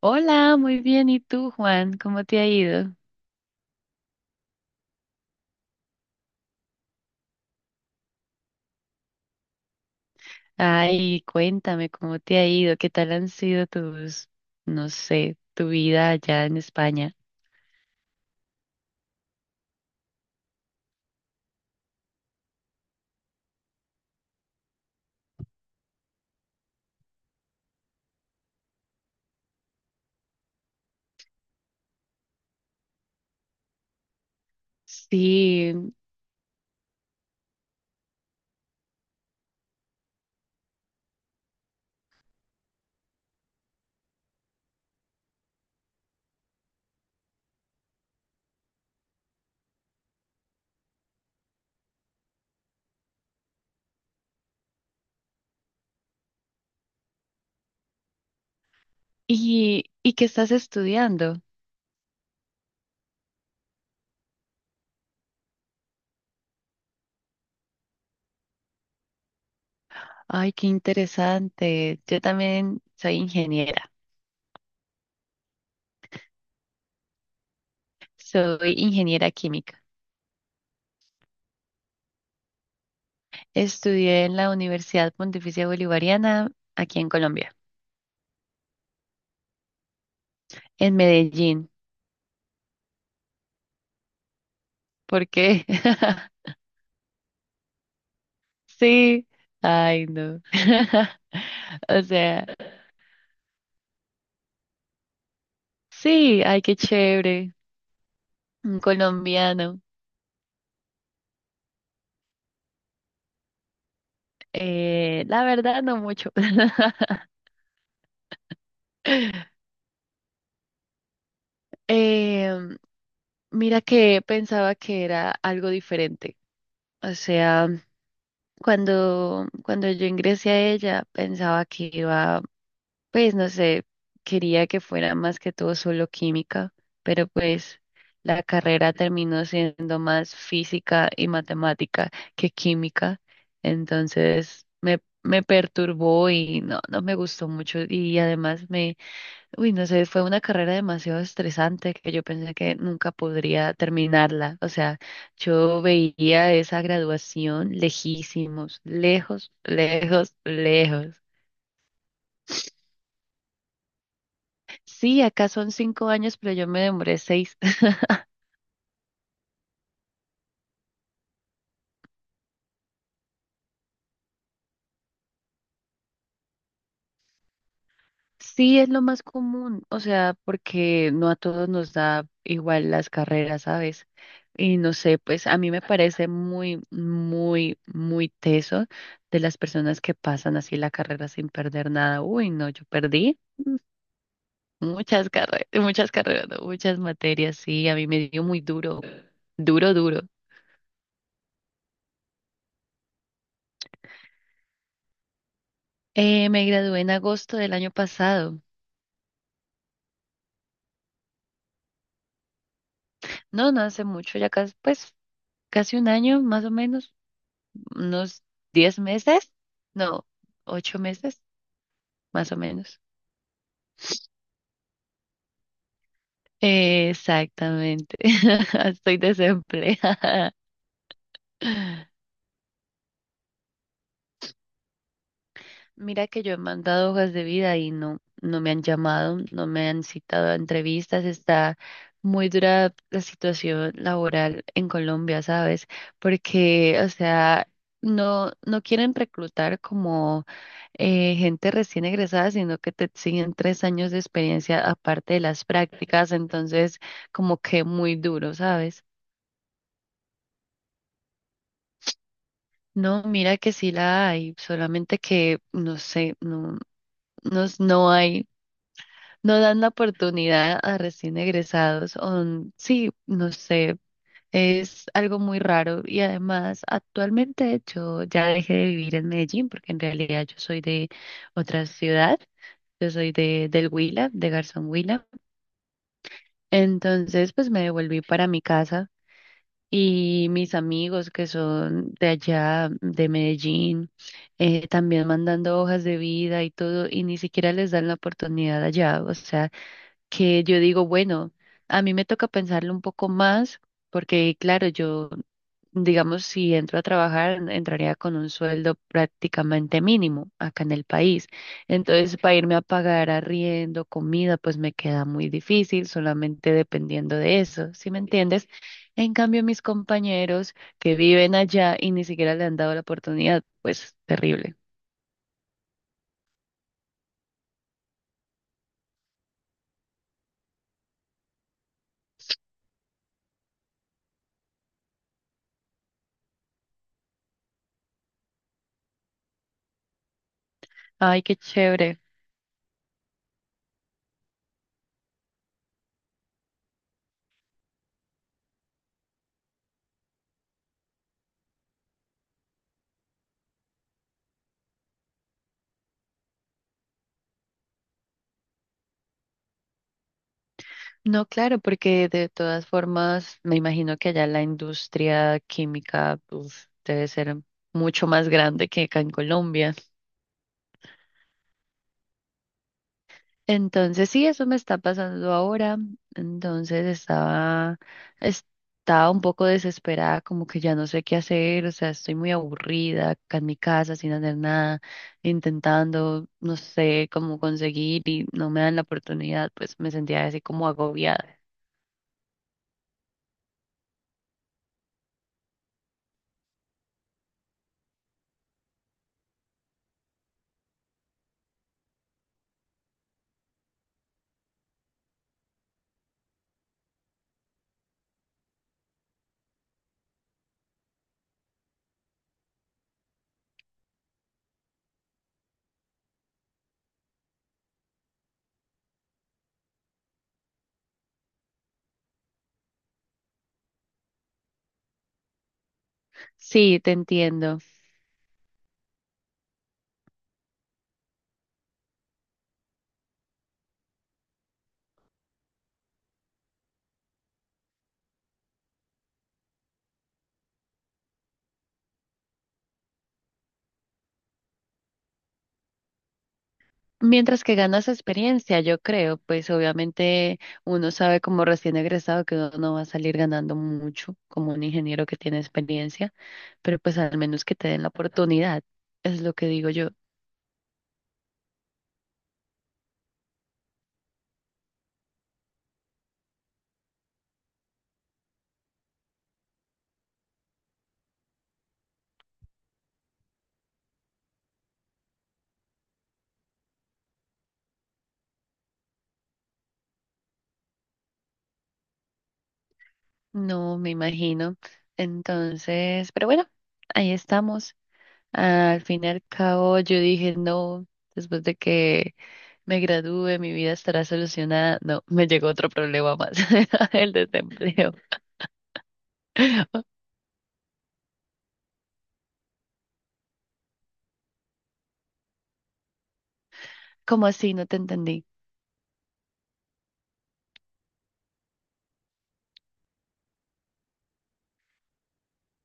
Hola, muy bien. ¿Y tú, Juan? ¿Cómo te ha ido? Ay, cuéntame cómo te ha ido, qué tal han sido tus, no sé, tu vida allá en España. Sí, ¿y qué estás estudiando? Ay, qué interesante. Yo también soy ingeniera química. Estudié en la Universidad Pontificia Bolivariana, aquí en Colombia, en Medellín. ¿Por qué? Sí, ay, no. O sea, sí, ay, qué chévere. Un colombiano. La verdad, no mucho. Em, mira que pensaba que era algo diferente. O sea, cuando yo ingresé a ella, pensaba que iba. Pues no sé, quería que fuera más que todo solo química, pero pues la carrera terminó siendo más física y matemática que química, entonces me perturbó y no, no me gustó mucho y además me, uy, no sé, fue una carrera demasiado estresante que yo pensé que nunca podría terminarla, o sea, yo veía esa graduación lejísimos, lejos, lejos, lejos. Sí, acá son 5 años, pero yo me demoré seis. Sí, es lo más común, o sea, porque no a todos nos da igual las carreras, ¿sabes? Y no sé, pues a mí me parece muy, muy, muy teso de las personas que pasan así la carrera sin perder nada. Uy, no, yo perdí mm, muchas carreras, no, muchas materias, sí, a mí me dio muy duro, duro, duro. Me gradué en agosto del año pasado. No, no hace mucho, ya casi, pues casi un año, más o menos, unos 10 meses, no, 8 meses, más o menos. Exactamente, estoy desempleada. Mira que yo he mandado hojas de vida y no, no me han llamado, no me han citado a entrevistas, está muy dura la situación laboral en Colombia, ¿sabes? Porque, o sea, no, no quieren reclutar como gente recién egresada, sino que te exigen 3 años de experiencia aparte de las prácticas, entonces como que muy duro, ¿sabes? No, mira que sí la hay, solamente que no sé, no, no hay, no dan la oportunidad a recién egresados, o sí, no sé. Es algo muy raro y además actualmente yo ya dejé de vivir en Medellín porque en realidad yo soy de otra ciudad, yo soy de del Huila, de Garzón Huila. Entonces, pues me devolví para mi casa y mis amigos que son de allá, de Medellín, también mandando hojas de vida y todo, y ni siquiera les dan la oportunidad allá. O sea, que yo digo, bueno, a mí me toca pensarlo un poco más, porque claro, yo, digamos, si entro a trabajar, entraría con un sueldo prácticamente mínimo acá en el país. Entonces, para irme a pagar arriendo, comida, pues me queda muy difícil, solamente dependiendo de eso, ¿sí me entiendes? En cambio, mis compañeros que viven allá y ni siquiera le han dado la oportunidad, pues terrible. Ay, qué chévere. No, claro, porque de todas formas me imagino que allá la industria química uf, debe ser mucho más grande que acá en Colombia. Entonces, sí, eso me está pasando ahora. Entonces estaba, estaba un poco desesperada, como que ya no sé qué hacer, o sea, estoy muy aburrida acá en mi casa sin hacer nada, intentando, no sé cómo conseguir y no me dan la oportunidad, pues me sentía así como agobiada. Sí, te entiendo. Mientras que ganas experiencia, yo creo, pues obviamente uno sabe como recién egresado que uno no va a salir ganando mucho como un ingeniero que tiene experiencia, pero pues al menos que te den la oportunidad, es lo que digo yo. No me imagino. Entonces, pero bueno, ahí estamos. Al fin y al cabo, yo dije, no, después de que me gradúe, mi vida estará solucionada. No, me llegó otro problema más, el desempleo. ¿Cómo así? No te entendí.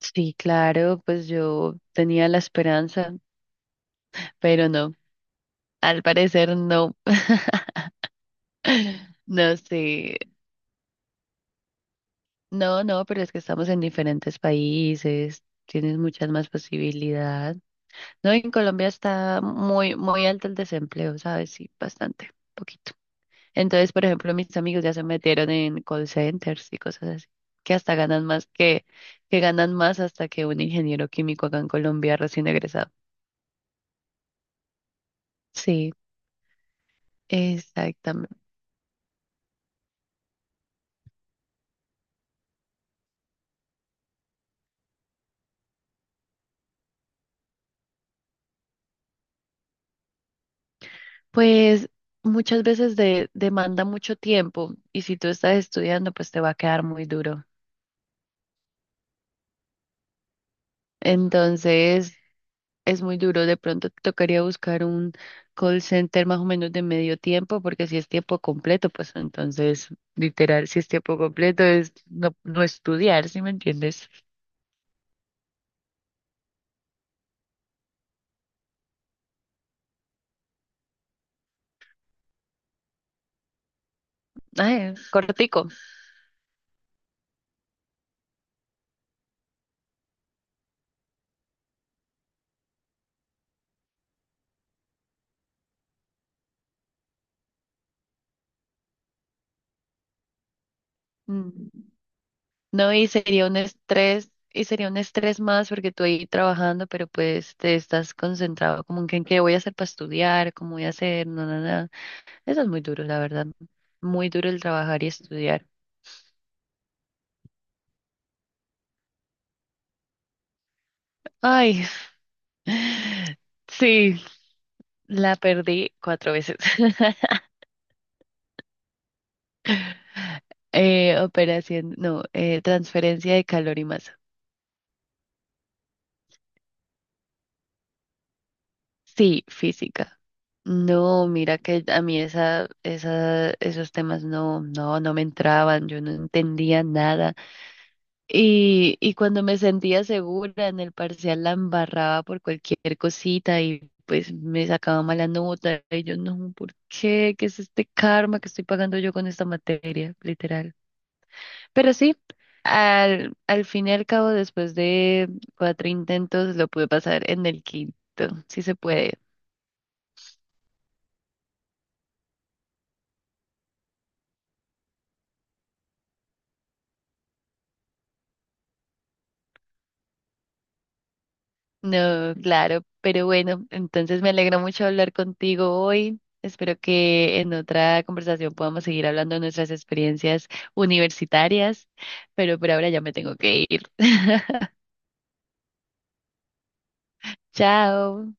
Sí, claro, pues yo tenía la esperanza, pero no, al parecer no, no sé, no, no, pero es que estamos en diferentes países, tienes muchas más posibilidades. No, en Colombia está muy, muy alto el desempleo, ¿sabes? Sí, bastante, poquito. Entonces, por ejemplo, mis amigos ya se metieron en call centers y cosas así, que hasta ganan más que ganan más hasta que un ingeniero químico acá en Colombia recién egresado. Sí, exactamente. Pues muchas veces demanda mucho tiempo y si tú estás estudiando, pues te va a quedar muy duro. Entonces, es muy duro. De pronto te tocaría buscar un call center más o menos de medio tiempo, porque si es tiempo completo, pues entonces, literal, si es tiempo completo es no, no estudiar, ¿sí me entiendes? Ah, es cortico. Mm. No, y sería un estrés, y sería un estrés más porque tú ahí trabajando, pero pues te estás concentrado como en que en qué voy a hacer para estudiar, cómo voy a hacer, no, no, no. Eso es muy duro, la verdad. Muy duro el trabajar y estudiar. Ay, sí, la perdí 4 veces. Operación, no, transferencia de calor y masa. Sí, física. No, mira que a mí esos temas no, no, no me entraban, yo no entendía nada. Y cuando me sentía segura en el parcial la embarraba por cualquier cosita y pues me sacaba mala nota y yo no, ¿por qué? ¿Qué es este karma que estoy pagando yo con esta materia? Literal. Pero sí, al fin y al cabo, después de 4 intentos, lo pude pasar en el quinto. Sí se puede. No, claro, pero bueno, entonces me alegro mucho hablar contigo hoy. Espero que en otra conversación podamos seguir hablando de nuestras experiencias universitarias, pero por ahora ya me tengo que ir. Chao.